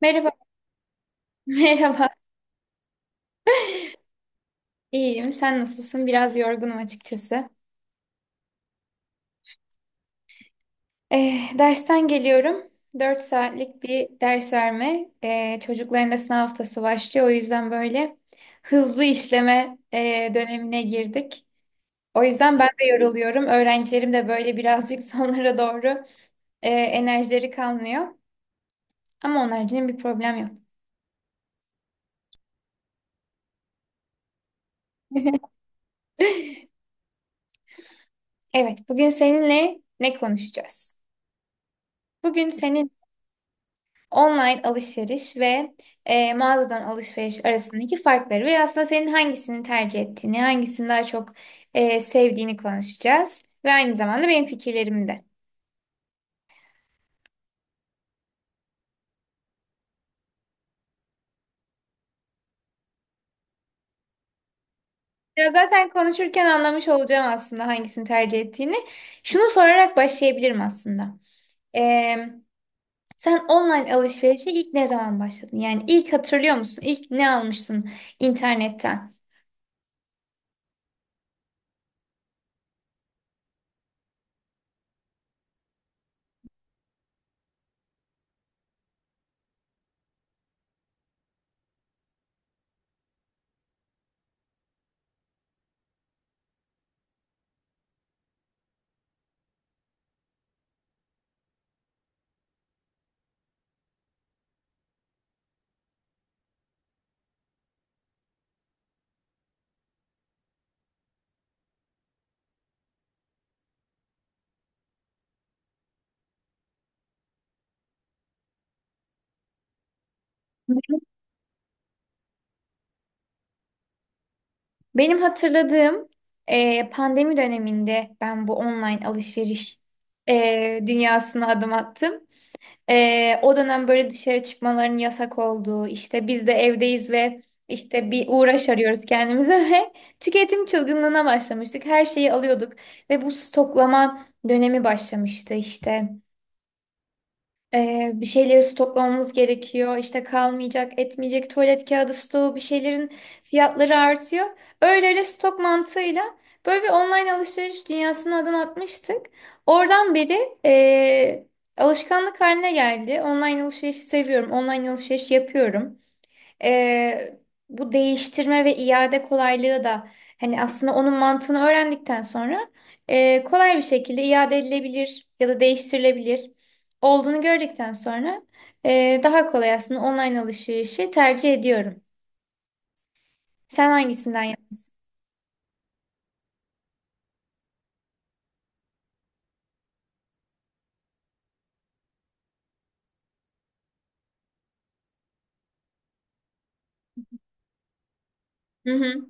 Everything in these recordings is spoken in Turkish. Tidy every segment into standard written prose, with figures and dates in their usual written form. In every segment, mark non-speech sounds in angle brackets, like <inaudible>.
Merhaba, <laughs> merhaba. İyiyim. Sen nasılsın? Biraz yorgunum açıkçası. Dersten geliyorum. 4 saatlik bir ders verme. Çocukların da sınav haftası başlıyor. O yüzden böyle hızlı işleme dönemine girdik. O yüzden ben de yoruluyorum. Öğrencilerim de böyle birazcık <laughs> sonlara doğru enerjileri kalmıyor. Ama onun haricinde bir problem yok. Evet, bugün seninle ne konuşacağız? Bugün senin online alışveriş ve mağazadan alışveriş arasındaki farkları ve aslında senin hangisini tercih ettiğini, hangisini daha çok sevdiğini konuşacağız. Ve aynı zamanda benim fikirlerimi de. Ya zaten konuşurken anlamış olacağım aslında hangisini tercih ettiğini. Şunu sorarak başlayabilirim aslında. E, Sen online alışverişe ilk ne zaman başladın? Yani ilk hatırlıyor musun? İlk ne almıştın internetten? Benim hatırladığım pandemi döneminde ben bu online alışveriş dünyasına adım attım. O dönem böyle dışarı çıkmaların yasak olduğu, işte biz de evdeyiz ve işte bir uğraş arıyoruz kendimize <laughs> ve tüketim çılgınlığına başlamıştık. Her şeyi alıyorduk ve bu stoklama dönemi başlamıştı işte. Bir şeyleri stoklamamız gerekiyor. İşte kalmayacak, etmeyecek tuvalet kağıdı stoğu bir şeylerin fiyatları artıyor. Öyle öyle stok mantığıyla böyle bir online alışveriş dünyasına adım atmıştık. Oradan beri eee, alışkanlık haline geldi. Online alışverişi seviyorum. Online alışveriş yapıyorum. Ee, Bu değiştirme ve iade kolaylığı da hani aslında onun mantığını öğrendikten sonra kolay bir şekilde iade edilebilir ya da değiştirilebilir olduğunu gördükten sonra daha kolay aslında online alışverişi tercih ediyorum. Sen hangisinden yana? Hı hı.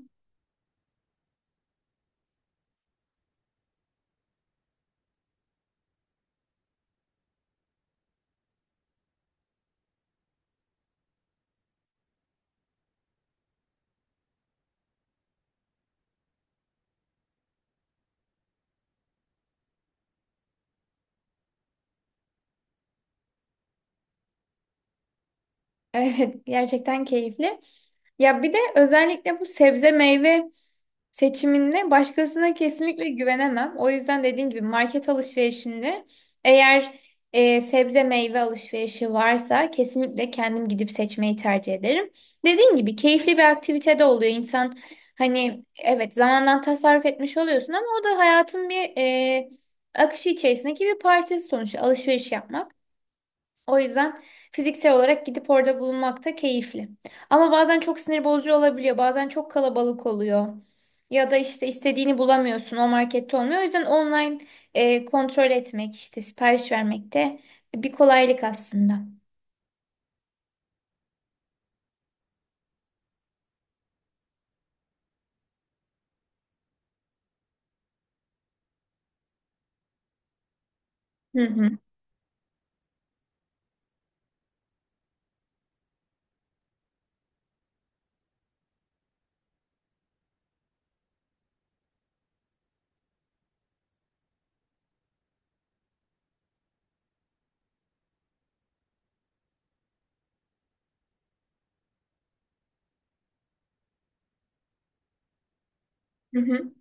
Evet, gerçekten keyifli. Ya bir de özellikle bu sebze meyve seçiminde başkasına kesinlikle güvenemem. O yüzden dediğim gibi market alışverişinde eğer sebze meyve alışverişi varsa kesinlikle kendim gidip seçmeyi tercih ederim. Dediğim gibi keyifli bir aktivite de oluyor. İnsan hani evet zamandan tasarruf etmiş oluyorsun ama o da hayatın bir akışı içerisindeki bir parçası sonuçta alışveriş yapmak. O yüzden fiziksel olarak gidip orada bulunmak da keyifli. Ama bazen çok sinir bozucu olabiliyor. Bazen çok kalabalık oluyor. Ya da işte istediğini bulamıyorsun. O markette olmuyor. O yüzden online kontrol etmek, işte sipariş vermek de bir kolaylık aslında. Hı hı. Hı hı.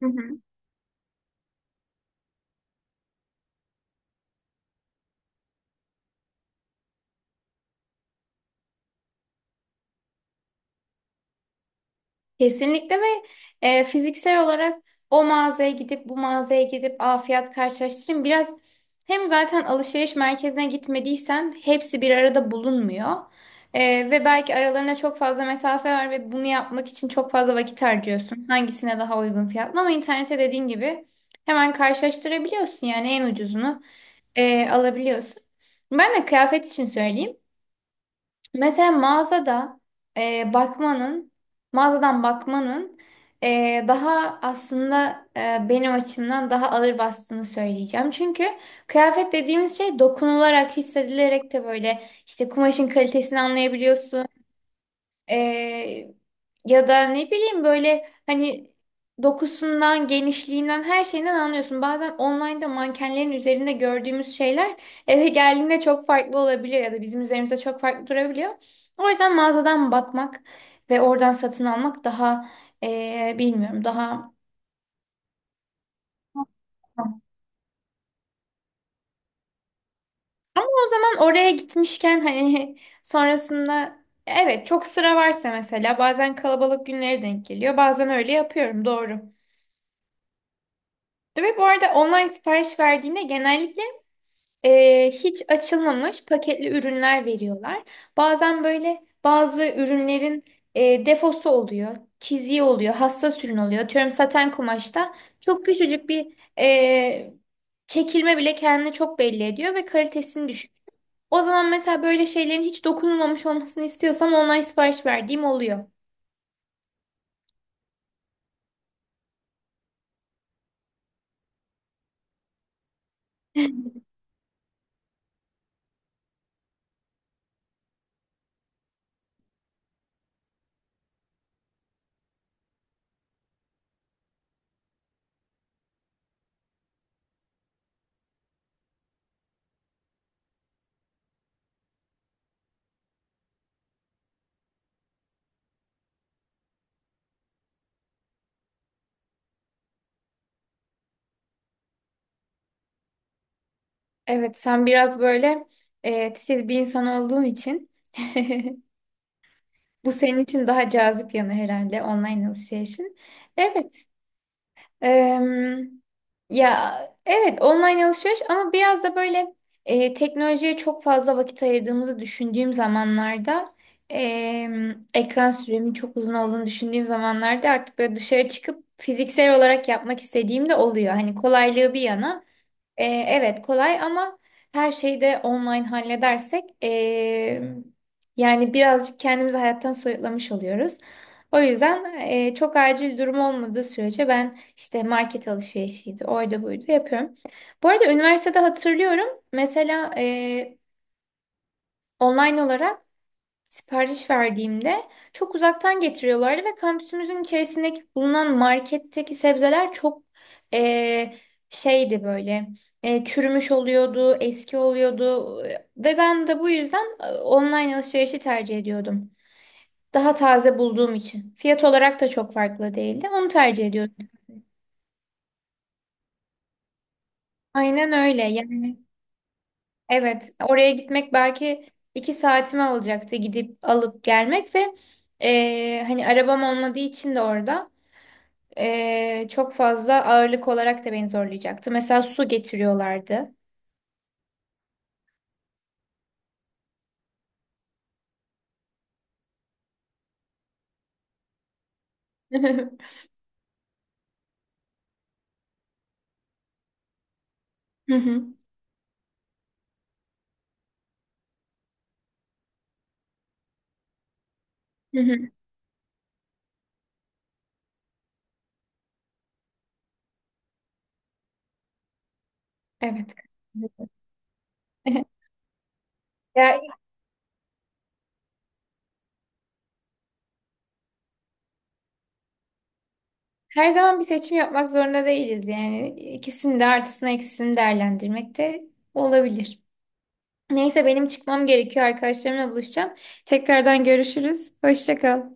Hı hı. Kesinlikle ve fiziksel olarak o mağazaya gidip bu mağazaya gidip aa fiyat karşılaştırayım. Biraz hem zaten alışveriş merkezine gitmediysen hepsi bir arada bulunmuyor. Ve belki aralarına çok fazla mesafe var ve bunu yapmak için çok fazla vakit harcıyorsun. Hangisine daha uygun fiyatlı ama internete dediğin gibi hemen karşılaştırabiliyorsun yani en ucuzunu alabiliyorsun. Ben de kıyafet için söyleyeyim. Mesela mağazada bakmanın, mağazadan bakmanın daha aslında benim açımdan daha ağır bastığını söyleyeceğim. Çünkü kıyafet dediğimiz şey dokunularak, hissedilerek de böyle işte kumaşın kalitesini anlayabiliyorsun. Ee, Ya da ne bileyim böyle hani dokusundan, genişliğinden, her şeyinden anlıyorsun. Bazen online'da mankenlerin üzerinde gördüğümüz şeyler eve geldiğinde çok farklı olabiliyor ya da bizim üzerimizde çok farklı durabiliyor. O yüzden mağazadan bakmak ve oradan satın almak daha bilmiyorum daha <laughs> ama o zaman oraya gitmişken hani <laughs> sonrasında evet çok sıra varsa mesela bazen kalabalık günlere denk geliyor. Bazen öyle yapıyorum doğru. Ve bu arada online sipariş verdiğinde genellikle hiç açılmamış paketli ürünler veriyorlar. Bazen böyle bazı ürünlerin defosu oluyor, çiziği oluyor, hassas ürün oluyor. Atıyorum saten kumaşta çok küçücük bir e, çekilme bile kendini çok belli ediyor ve kalitesini düşük. O zaman mesela böyle şeylerin hiç dokunulmamış olmasını istiyorsam online sipariş verdiğim oluyor. Evet, sen biraz böyle titiz bir insan olduğun için. <laughs> Bu senin için daha cazip yanı herhalde online alışverişin. Evet. em, Ya evet online alışveriş ama biraz da böyle teknolojiye çok fazla vakit ayırdığımızı düşündüğüm zamanlarda ekran süremin çok uzun olduğunu düşündüğüm zamanlarda artık böyle dışarı çıkıp fiziksel olarak yapmak istediğim de oluyor. Hani kolaylığı bir yana. Evet kolay ama her şeyi de online halledersek yani birazcık kendimizi hayattan soyutlamış oluyoruz. O yüzden çok acil durum olmadığı sürece ben işte market alışverişiydi, oydu buydu yapıyorum. Bu arada üniversitede hatırlıyorum mesela online olarak sipariş verdiğimde çok uzaktan getiriyorlardı ve kampüsümüzün içerisindeki bulunan marketteki sebzeler çok eee, şeydi böyle çürümüş oluyordu, eski oluyordu ve ben de bu yüzden online alışverişi tercih ediyordum. Daha taze bulduğum için. Fiyat olarak da çok farklı değildi. Onu tercih ediyordum. Aynen öyle. Yani evet oraya gitmek belki 2 saatimi alacaktı gidip alıp gelmek ve hani arabam olmadığı için de orada. Çok fazla ağırlık olarak da beni zorlayacaktı. Mesela su getiriyorlardı. <laughs> Hı hı. Hı hı. Evet. <laughs> Ya her zaman bir seçim yapmak zorunda değiliz yani. İkisini de artısını eksisini değerlendirmek de olabilir. Neyse benim çıkmam gerekiyor. Arkadaşlarımla buluşacağım. Tekrardan görüşürüz. Hoşça kal.